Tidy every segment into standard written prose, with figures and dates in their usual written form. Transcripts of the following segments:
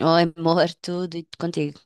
Oh, amor, tudo e contigo.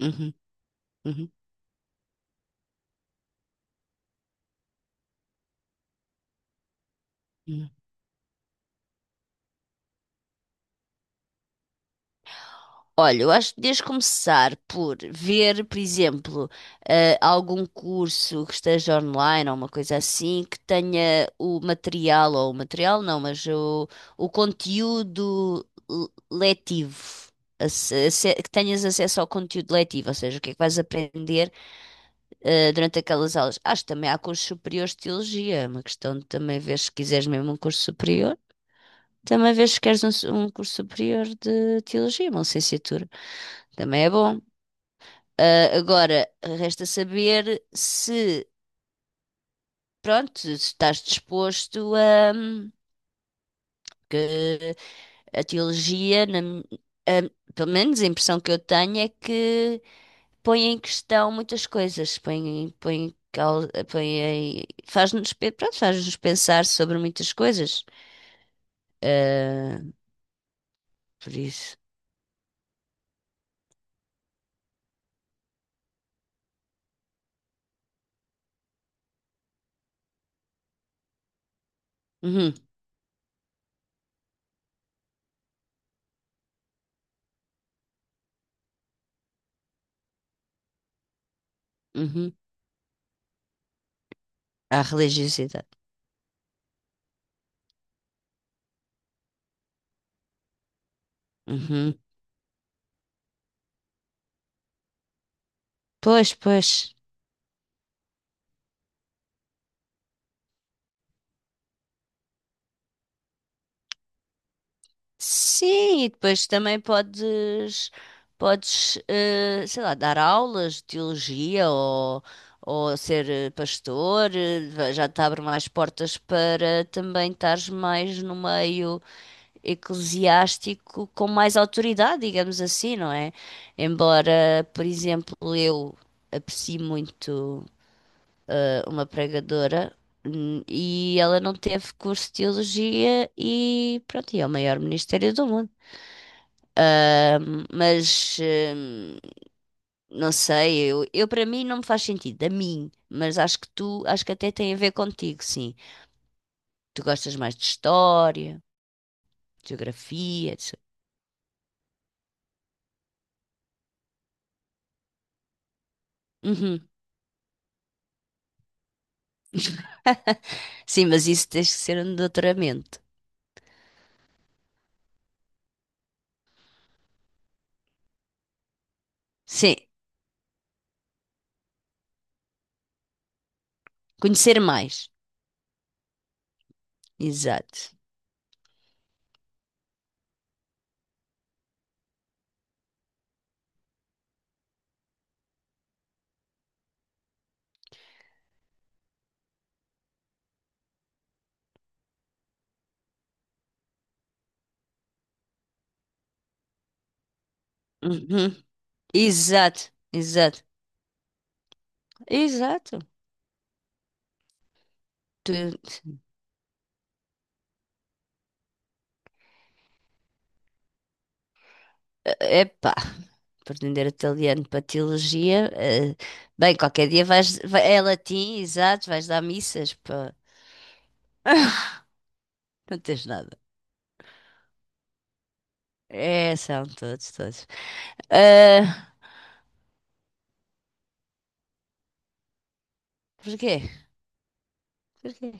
Uhum, uhum, uhum. Olha, eu acho que deves começar por ver, por exemplo, algum curso que esteja online ou uma coisa assim que tenha o material, ou o material não, mas o conteúdo letivo. Que tenhas acesso ao conteúdo letivo, ou seja, o que é que vais aprender durante aquelas aulas. Acho que também há cursos superiores de teologia, é uma questão de também ver se quiseres mesmo um curso superior. Também vês se queres um curso superior de teologia, uma licenciatura. Também é bom. Ah, agora, resta saber se, pronto, se estás disposto a que a teologia, a- pelo menos a impressão que eu tenho é que põe em questão muitas coisas, põe faz-nos, pronto, faz-nos pensar sobre muitas coisas. Ah, por isso. Uhum, uhum. Há religiosidade. Uhum. Pois, pois. Sim, e depois também podes, sei lá, dar aulas de teologia ou ser pastor, já te abre mais portas para também estares mais no meio eclesiástico com mais autoridade, digamos assim, não é? Embora, por exemplo, eu aprecie muito uma pregadora, e ela não teve curso de teologia e pronto, e é o maior ministério do mundo. Mas não sei, eu para mim não me faz sentido, a mim, mas acho que tu, acho que até tem a ver contigo, sim. Tu gostas mais de história, de geografia, etc. Uhum. Sim, mas isso tens que ser um doutoramento. Sim, conhecer mais. Exato. Uhum. Exato, exato, exato. Tu... Epá. Aprender italiano para teologia. Bem, qualquer dia É latim, exato, vais dar missas para. Não tens nada. É, são todos, todos. Ah, porquê? Porquê?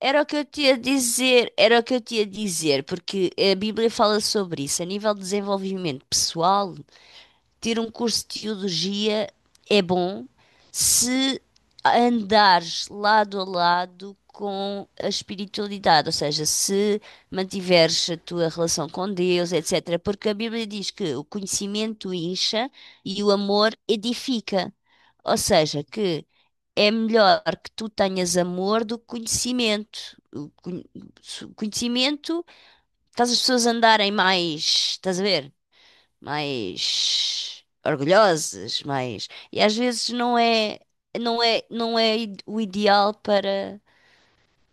Era o que eu te ia dizer, era o que eu te ia dizer, porque a Bíblia fala sobre isso, a nível de desenvolvimento pessoal, ter um curso de teologia é bom se andares lado a lado com a espiritualidade, ou seja, se mantiveres a tua relação com Deus, etc. Porque a Bíblia diz que o conhecimento incha e o amor edifica. Ou seja, que é melhor que tu tenhas amor do que conhecimento. O con- o conhecimento faz as pessoas andarem mais, estás a ver? Mais orgulhosos mais e às vezes não é o ideal para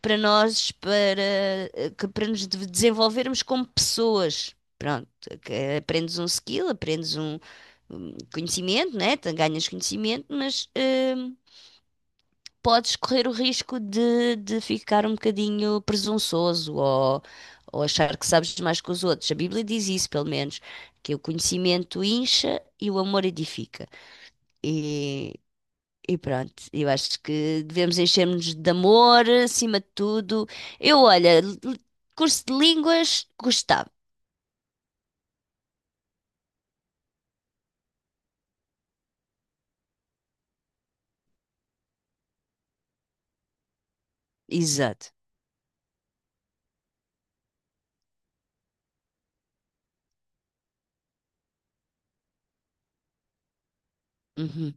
para nós para eh, que para nos desenvolvermos como pessoas. Pronto, que aprendes um skill, um conhecimento, né? Ganhas conhecimento, mas hum, podes correr o risco de ficar um bocadinho presunçoso ou achar que sabes mais que os outros. A Bíblia diz isso, pelo menos, que o conhecimento incha e o amor edifica. E, e pronto, eu acho que devemos encher-nos de amor acima de tudo. Eu, olha, l- Curso de línguas, gostava. Exato. Uhum,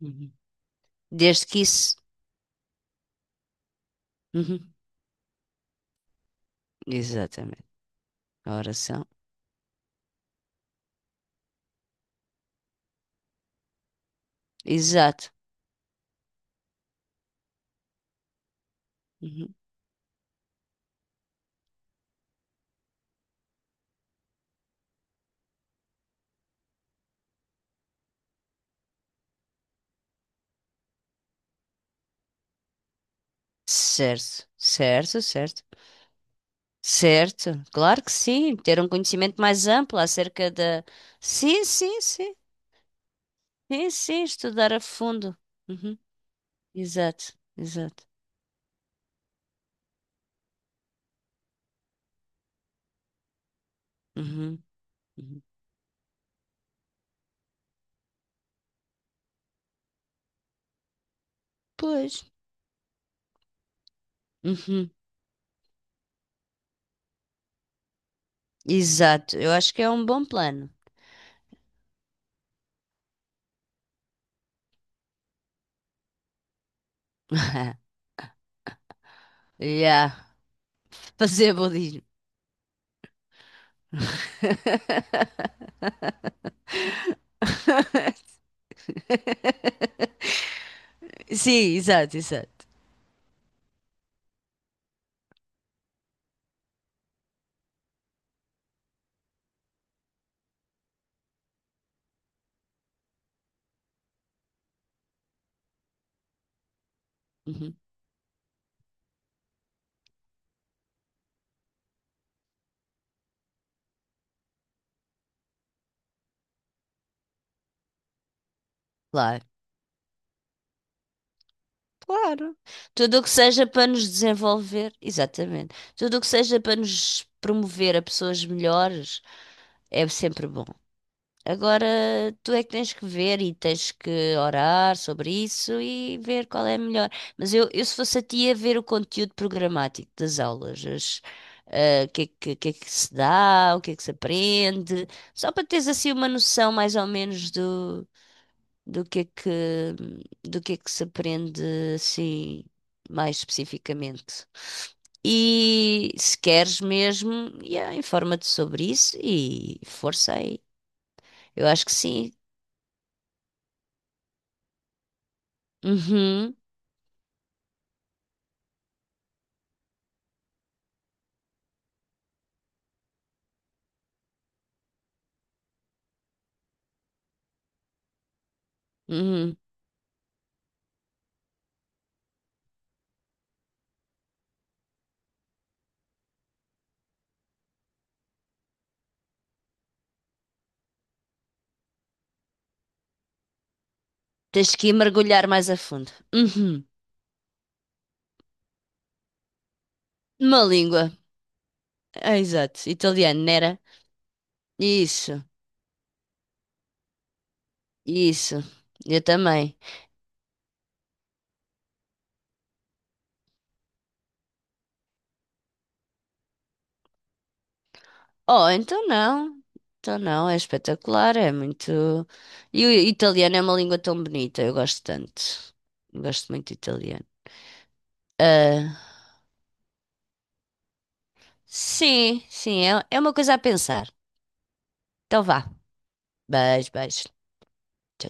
uhum. Desde que isso. Uhum. Exatamente. A oração. Exato. Uhum. Certo, certo, certo. Certo, claro que sim, ter um conhecimento mais amplo acerca da. Sim, sim, sim, sim, sim, estudar a fundo. Uhum, exato, exato. Uhum, uhum. Pois, uhum, exato, eu acho que é um bom plano. Yeah. Fazer budismo. Sim, exato, exato. Uhum, claro, claro. Tudo o que seja para nos desenvolver, exatamente. Tudo o que seja para nos promover a pessoas melhores é sempre bom. Agora tu é que tens que ver e tens que orar sobre isso e ver qual é a melhor. Mas eu se fosse a ti, ia ver o conteúdo programático das ah, o que é que, o que é que se dá, o que é que se aprende, só para teres assim uma noção mais ou menos do que é que, do que é que se aprende assim mais especificamente. E se queres mesmo, yeah, informa-te sobre isso e força aí. Eu acho que sim. Uhum, uhum. Tens que ir mergulhar mais a fundo. Uhum. Uma língua. Ah, exato. Italiano, nera. Isso, isso. Eu também. Oh, então não. Então não, é espetacular, é muito. E o italiano é uma língua tão bonita, eu gosto tanto. Eu gosto muito de italiano. Ah, sim, sim, é, é uma coisa a pensar. Então vá. Beijo, beijo. Tchau, tchau.